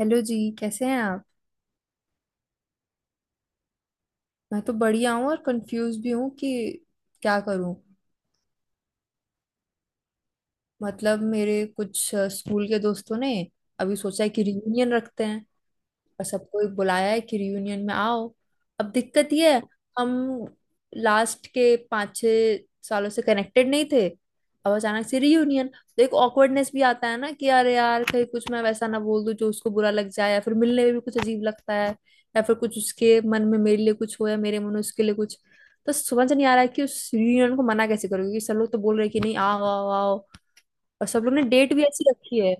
Hello जी, कैसे हैं आप। मैं तो बढ़िया हूँ और कंफ्यूज भी हूँ कि क्या करूँ। मतलब मेरे कुछ स्कूल के दोस्तों ने अभी सोचा है कि रियूनियन रखते हैं। और सबको एक बुलाया है कि रियूनियन में आओ। अब दिक्कत ये है। हम लास्ट के 5-6 सालों से कनेक्टेड नहीं थे। अब अचानक से रियूनियन। तो एक ऑकवर्डनेस भी आता है ना कि यार यार कहीं कुछ मैं वैसा ना बोल दूं जो उसको बुरा लग जाए, या फिर मिलने में भी कुछ अजीब लगता है। या फिर कुछ उसके मन में मेरे लिए कुछ हो, या मेरे मन में उसके लिए कुछ। तो समझ नहीं आ रहा है कि उस रियूनियन को मना कैसे करूँ, क्योंकि सब लोग तो बोल रहे हैं कि नहीं, आओ आओ आओ। और सब लोग ने डेट भी ऐसी रखी है।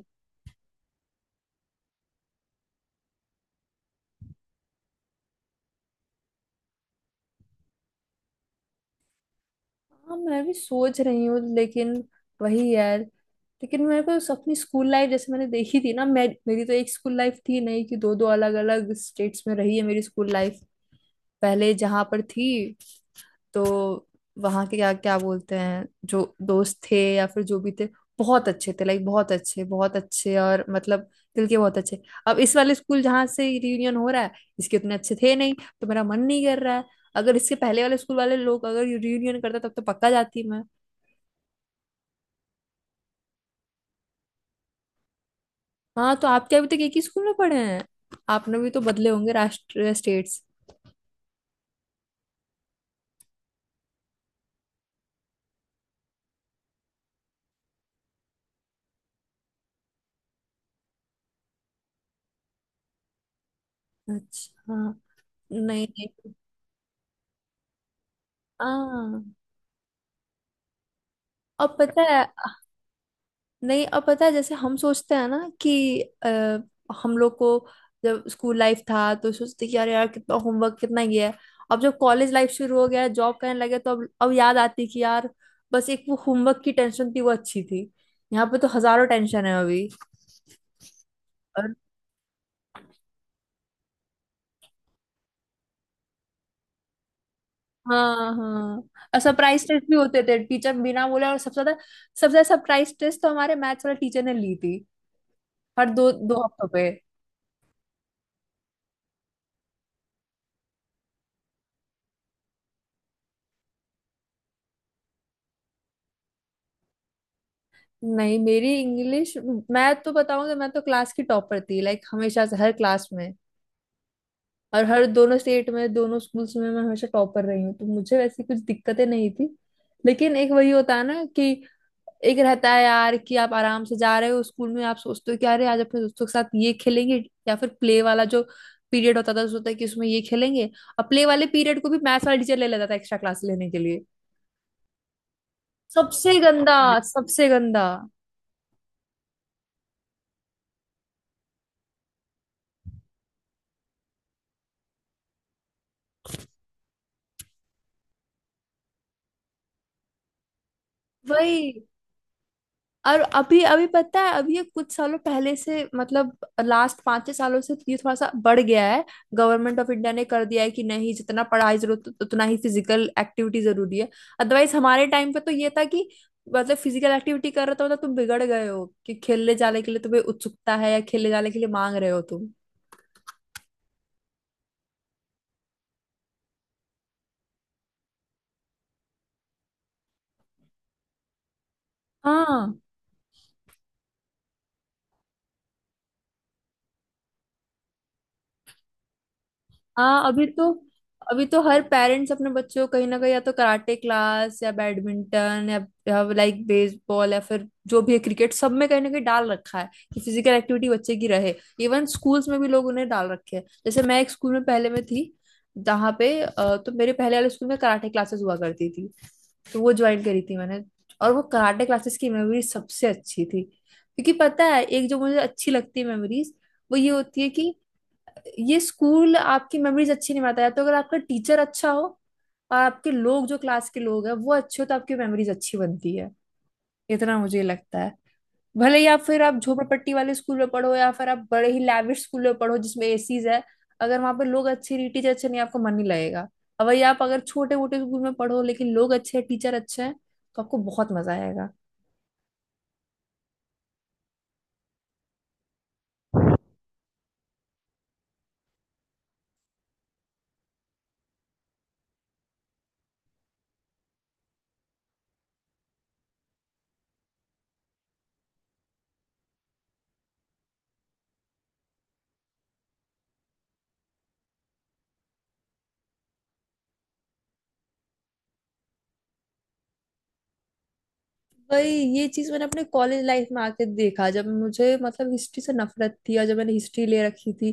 हाँ, मैं भी सोच रही हूँ, लेकिन वही यार। लेकिन मेरे को अपनी स्कूल लाइफ जैसे मैंने देखी थी ना, मैं मेरी तो एक स्कूल लाइफ थी नहीं, कि दो दो अलग अलग स्टेट्स में रही है मेरी स्कूल लाइफ। पहले जहाँ पर थी, तो वहाँ के, क्या क्या बोलते हैं, जो दोस्त थे या फिर जो भी थे, बहुत अच्छे थे, लाइक बहुत अच्छे बहुत अच्छे, और मतलब दिल के बहुत अच्छे। अब इस वाले स्कूल, जहाँ से रियूनियन हो रहा है, इसके उतने अच्छे थे नहीं। तो मेरा मन नहीं कर रहा है। अगर इसके पहले वाले स्कूल वाले लोग अगर रियूनियन करता, तब तो पक्का जाती मैं। हाँ, तो आपके अभी तक एक ही स्कूल में पढ़े हैं, आपने भी तो बदले होंगे राष्ट्र स्टेट्स। अच्छा। नहीं नहीं। हाँ। और पता है, नहीं अब पता है, जैसे हम सोचते हैं ना कि हम लोग को जब स्कूल लाइफ था तो सोचते कि यार यार कितना होमवर्क, कितना ये है। अब जब कॉलेज लाइफ शुरू हो गया, जॉब करने लगे, तो अब याद आती कि यार बस एक वो होमवर्क की टेंशन थी, वो अच्छी थी। यहाँ पे तो हजारों टेंशन है अभी। और हाँ हाँ। और सरप्राइज टेस्ट भी होते थे टीचर बिना बोले। और सबसे ज्यादा सरप्राइज टेस्ट तो हमारे मैथ्स वाले टीचर ने ली थी, हर 2-2 हफ्तों पे। नहीं, मेरी इंग्लिश। मैं तो बताऊंगी, मैं तो क्लास की टॉपर थी, लाइक हमेशा से, हर क्लास में। और हर दोनों स्टेट में, दोनों स्कूल्स में मैं हमेशा टॉपर रही हूँ, तो मुझे वैसी कुछ दिक्कतें नहीं थी। लेकिन एक वही होता है ना, कि एक रहता है यार कि आप आराम से जा रहे हो स्कूल में, आप सोचते हो कि अरे आज अपने दोस्तों के साथ ये खेलेंगे, या फिर प्ले वाला जो पीरियड होता था सोचता है कि उसमें ये खेलेंगे। और प्ले वाले पीरियड को भी मैथ्स वाला टीचर ले लेता था एक्स्ट्रा क्लास लेने के लिए। सबसे गंदा, सबसे गंदा। वही। और अभी अभी पता है, अभी ये कुछ सालों पहले से, मतलब लास्ट 5-6 सालों से, ये थोड़ा सा बढ़ गया है। गवर्नमेंट ऑफ इंडिया ने कर दिया है कि नहीं, जितना पढ़ाई जरूरत, उतना ही फिजिकल एक्टिविटी जरूरी है। अदरवाइज हमारे टाइम पे तो ये था कि मतलब फिजिकल एक्टिविटी कर रहे हो तो मतलब तुम बिगड़ गए हो, कि खेलने जाने के लिए तुम्हें उत्सुकता है, या खेलने जाने के लिए मांग रहे हो तुम। हाँ हाँ। अभी तो, अभी तो हर पेरेंट्स अपने बच्चों को कहीं ना कहीं, या तो कराटे क्लास, या बैडमिंटन, या लाइक बेसबॉल, या फिर जो भी है, क्रिकेट, सब में कहीं ना कहीं डाल रखा है, कि फिजिकल एक्टिविटी बच्चे की रहे। इवन स्कूल्स में भी लोग उन्हें डाल रखे हैं, जैसे मैं एक स्कूल में पहले में थी, जहाँ पे तो मेरे पहले वाले स्कूल में कराटे क्लासेस हुआ करती थी। तो वो ज्वाइन करी थी मैंने। और वो कराटे क्लासेस की मेमोरी सबसे अच्छी थी, क्योंकि पता है, एक जो मुझे अच्छी लगती है मेमोरीज, वो ये होती है कि ये स्कूल आपकी मेमोरीज अच्छी नहीं बनाता है, तो अगर आपका टीचर अच्छा हो, और आपके लोग, जो क्लास के लोग हैं, वो अच्छे हो, तो आपकी मेमोरीज अच्छी बनती है, इतना मुझे लगता है। भले ही आप फिर आप झोपड़पट्टी वाले स्कूल में पढ़ो, या फिर आप बड़े ही लैविश स्कूल में पढ़ो जिसमें एसीज है, अगर वहां पे लोग अच्छे नहीं, टीचर अच्छे नहीं, आपको मन नहीं लगेगा। अब वही, आप अगर छोटे मोटे स्कूल में पढ़ो, लेकिन लोग अच्छे हैं, टीचर अच्छे हैं, तो आपको बहुत मजा आएगा। वही। ये चीज मैंने अपने कॉलेज लाइफ में आके देखा, जब मुझे, मतलब, हिस्ट्री से नफरत थी, और जब मैंने हिस्ट्री ले रखी थी,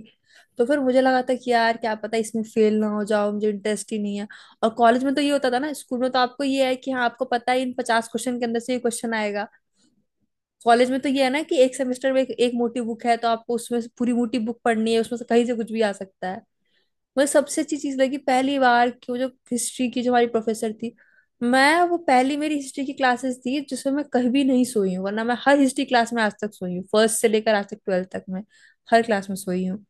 तो फिर मुझे लगा था कि यार क्या पता इसमें फेल ना हो जाओ, मुझे इंटरेस्ट ही नहीं है। और कॉलेज में तो ये होता था ना, स्कूल में तो आपको ये है कि हाँ, आपको पता है इन 50 क्वेश्चन के अंदर से ये क्वेश्चन आएगा। कॉलेज में तो ये है ना, कि एक सेमेस्टर में एक मोटी बुक है, तो आपको उसमें से पूरी मोटी बुक पढ़नी है, उसमें से कहीं से कुछ भी आ सकता है। मुझे सबसे अच्छी चीज लगी पहली बार की, वो जो हिस्ट्री की जो हमारी प्रोफेसर थी। मैं, वो पहली मेरी हिस्ट्री की क्लासेस थी, जिसमें मैं कहीं भी नहीं सोई हूँ, वरना मैं हर हिस्ट्री क्लास में आज तक सोई हूँ, फर्स्ट से लेकर आज तक ट्वेल्थ तक मैं हर क्लास में सोई हूँ।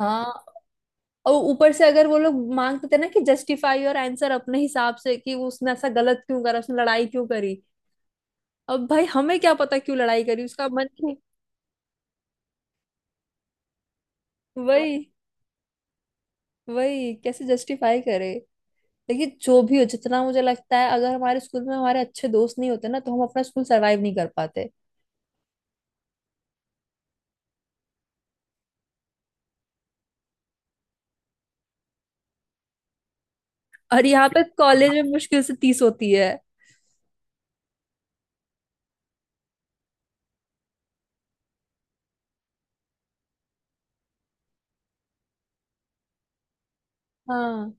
हाँ। और ऊपर से अगर वो लोग मांगते थे ना कि जस्टिफाई योर आंसर अपने हिसाब से, कि उसने ऐसा गलत क्यों करा, उसने लड़ाई क्यों करी। अब भाई हमें क्या पता क्यों लड़ाई करी, उसका मन नहीं। वही, कैसे जस्टिफाई करे। देखिए, जो भी हो, जितना मुझे लगता है, अगर हमारे स्कूल में हमारे अच्छे दोस्त नहीं होते ना, तो हम अपना स्कूल सरवाइव नहीं कर पाते। और यहाँ पे कॉलेज में मुश्किल से 30 होती है। हाँ,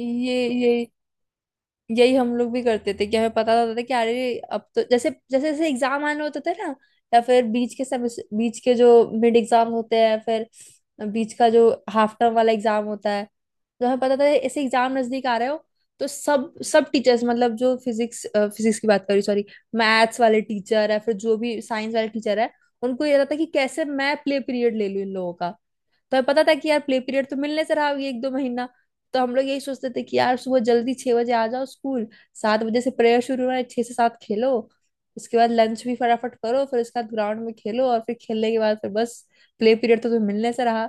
ये ये यही हम लोग भी करते थे, कि हमें पता तो होता था कि अरे, अब तो जैसे जैसे जैसे एग्जाम आने होते थे ना, या फिर बीच के सब, बीच के जो मिड एग्जाम होते हैं, फिर बीच का जो हाफ टर्म वाला एग्जाम होता है। तो हमें पता था ऐसे एग्जाम नजदीक आ रहे हो, तो सब सब टीचर्स, मतलब जो फिजिक्स फिजिक्स की बात करी, सॉरी मैथ्स वाले टीचर है, फिर जो भी साइंस वाले टीचर है, उनको ये रहता था कि कैसे मैं प्ले पीरियड ले लूं इन लोगों का। तो हमें पता था कि यार प्ले पीरियड तो मिलने से रहा ये 1-2 महीना। तो हम लोग यही सोचते थे कि यार सुबह जल्दी 6 बजे आ जाओ स्कूल, 7 बजे से प्रेयर शुरू हो रहा है, 6 से 7 खेलो, उसके बाद लंच भी फटाफट करो, फिर उसके बाद ग्राउंड में खेलो, और फिर खेलने के बाद फिर बस, प्ले पीरियड तो तुम्हें मिलने से रहा।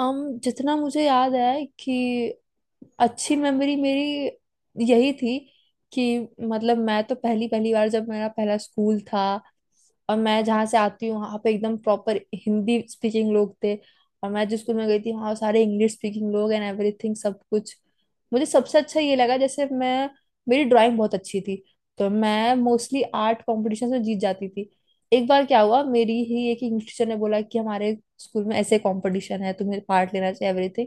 जितना मुझे याद है कि अच्छी मेमोरी मेरी यही थी, कि मतलब मैं तो पहली पहली बार जब मेरा पहला स्कूल था, और मैं जहाँ से आती हूँ वहाँ पे एकदम प्रॉपर हिंदी स्पीकिंग लोग थे, और मैं जिस स्कूल में गई थी वहाँ सारे इंग्लिश स्पीकिंग लोग, एंड एवरीथिंग, सब कुछ। मुझे सबसे अच्छा ये लगा, जैसे मैं मेरी ड्राइंग बहुत अच्छी थी, तो मैं मोस्टली आर्ट कॉम्पिटिशन में जीत जाती थी। एक बार क्या हुआ, मेरी ही एक इंग्लिश टीचर ने बोला कि हमारे स्कूल में ऐसे कंपटीशन है, तुम्हें पार्ट लेना चाहिए, एवरीथिंग।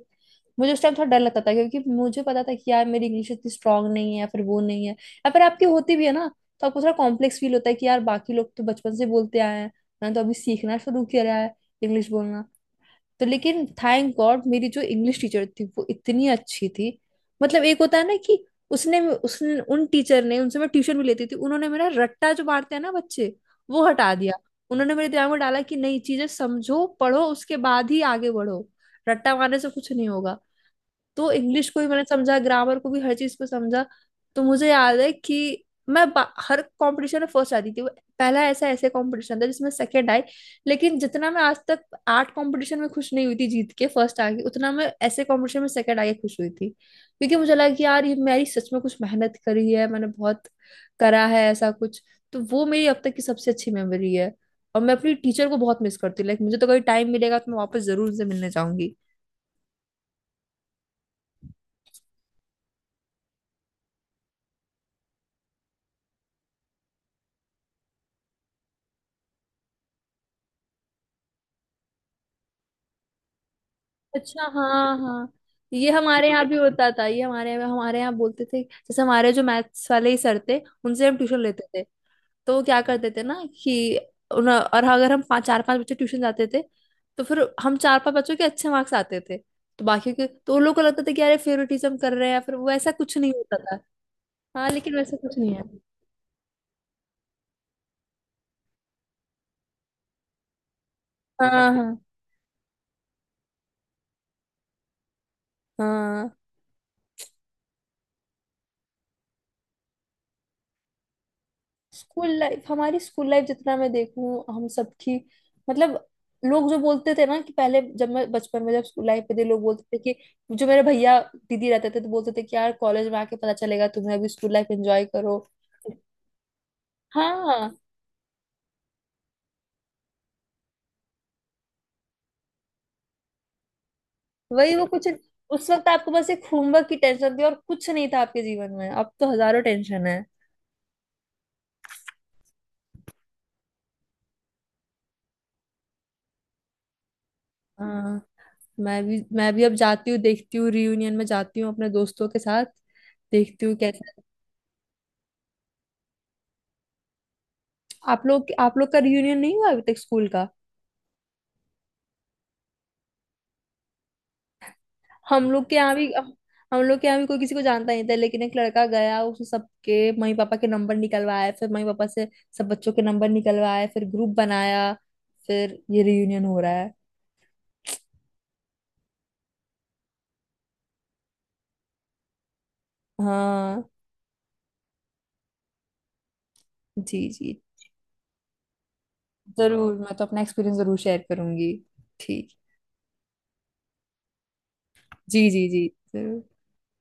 मुझे उस टाइम थोड़ा डर लगता था क्योंकि मुझे पता था कि यार मेरी इंग्लिश इतनी स्ट्रांग नहीं है, या फिर वो नहीं है, या फिर आपकी होती भी है ना, तो आपको थोड़ा कॉम्प्लेक्स फील होता है कि यार बाकी लोग तो बचपन से बोलते आए हैं, मैंने तो अभी सीखना शुरू किया है इंग्लिश बोलना। तो लेकिन थैंक गॉड मेरी जो इंग्लिश टीचर थी वो इतनी अच्छी थी, मतलब एक होता है ना कि उसने उसने उन टीचर ने, उनसे मैं ट्यूशन भी लेती थी, उन्होंने मेरा रट्टा जो मारते हैं ना बच्चे, वो हटा दिया। उन्होंने मेरे दिमाग में डाला कि नहीं, चीजें समझो, पढ़ो, उसके बाद ही आगे बढ़ो, रट्टा मारने से कुछ नहीं होगा। तो इंग्लिश को भी मैंने समझा, ग्रामर को भी, हर चीज को समझा। तो मुझे याद है कि हर कंपटीशन में फर्स्ट आती थी। वो पहला ऐसा ऐसे कंपटीशन था जिसमें सेकंड आई। लेकिन जितना मैं आज तक आर्ट कंपटीशन में खुश नहीं हुई थी जीत के फर्स्ट आके, उतना मैं ऐसे कंपटीशन में सेकंड आके खुश हुई थी, क्योंकि मुझे लगा कि यार ये मेरी सच में कुछ मेहनत करी है मैंने, बहुत करा है ऐसा कुछ। तो वो मेरी अब तक की सबसे अच्छी मेमोरी है। और मैं अपनी टीचर को बहुत मिस करती हूँ, लाइक मुझे तो कभी टाइम मिलेगा तो मैं वापस जरूर उनसे मिलने जाऊंगी। अच्छा, हाँ हाँ। ये हमारे यहाँ भी होता था, ये हमारे यहाँ, बोलते थे, जैसे हमारे जो मैथ्स वाले ही सर थे, उनसे हम ट्यूशन लेते थे। तो वो क्या करते थे ना, कि उन- और अगर हम पाँच 4-5 बच्चे ट्यूशन जाते थे, तो फिर हम 4-5 बच्चों के अच्छे मार्क्स आते थे, तो बाकियों के, तो उन लोगों को लगता था कि अरे फेवरेटिज्म कर रहे हैं, फिर वो ऐसा कुछ नहीं होता था। हाँ, लेकिन वैसा कुछ नहीं है। हाँ हाँ। हाँ, स्कूल लाइफ, हमारी स्कूल लाइफ जितना मैं देखूं हम सबकी, मतलब लोग जो बोलते थे ना कि पहले जब मैं बचपन में जब स्कूल लाइफ पे थे, लोग बोलते थे, कि जो मेरे भैया दीदी रहते थे तो बोलते थे कि यार कॉलेज में आके पता चलेगा तुम्हें, अभी स्कूल लाइफ एंजॉय करो। हाँ, वही वो कुछ, उस वक्त आपको बस एक होमवर्क की टेंशन थी और कुछ नहीं था आपके जीवन में, अब तो हजारों टेंशन है। हाँ, मैं भी अब जाती हूँ, देखती हूँ, रियूनियन में जाती हूँ अपने दोस्तों के साथ। देखती हूँ कैसा। आप लोग, का रियूनियन नहीं हुआ अभी तक, स्कूल का। हम लोग के यहाँ भी हम लोग के यहाँ भी कोई किसी को जानता नहीं था, लेकिन एक लड़का गया, उसने सबके मम्मी पापा के नंबर निकलवाए, फिर मम्मी पापा से सब बच्चों के नंबर निकलवाए, फिर ग्रुप बनाया, फिर ये रियूनियन हो रहा है। हाँ। जी जी, वाह जरूर, मैं तो अपना एक्सपीरियंस जरूर शेयर करूंगी। ठीक। जी जी जी, जरूर।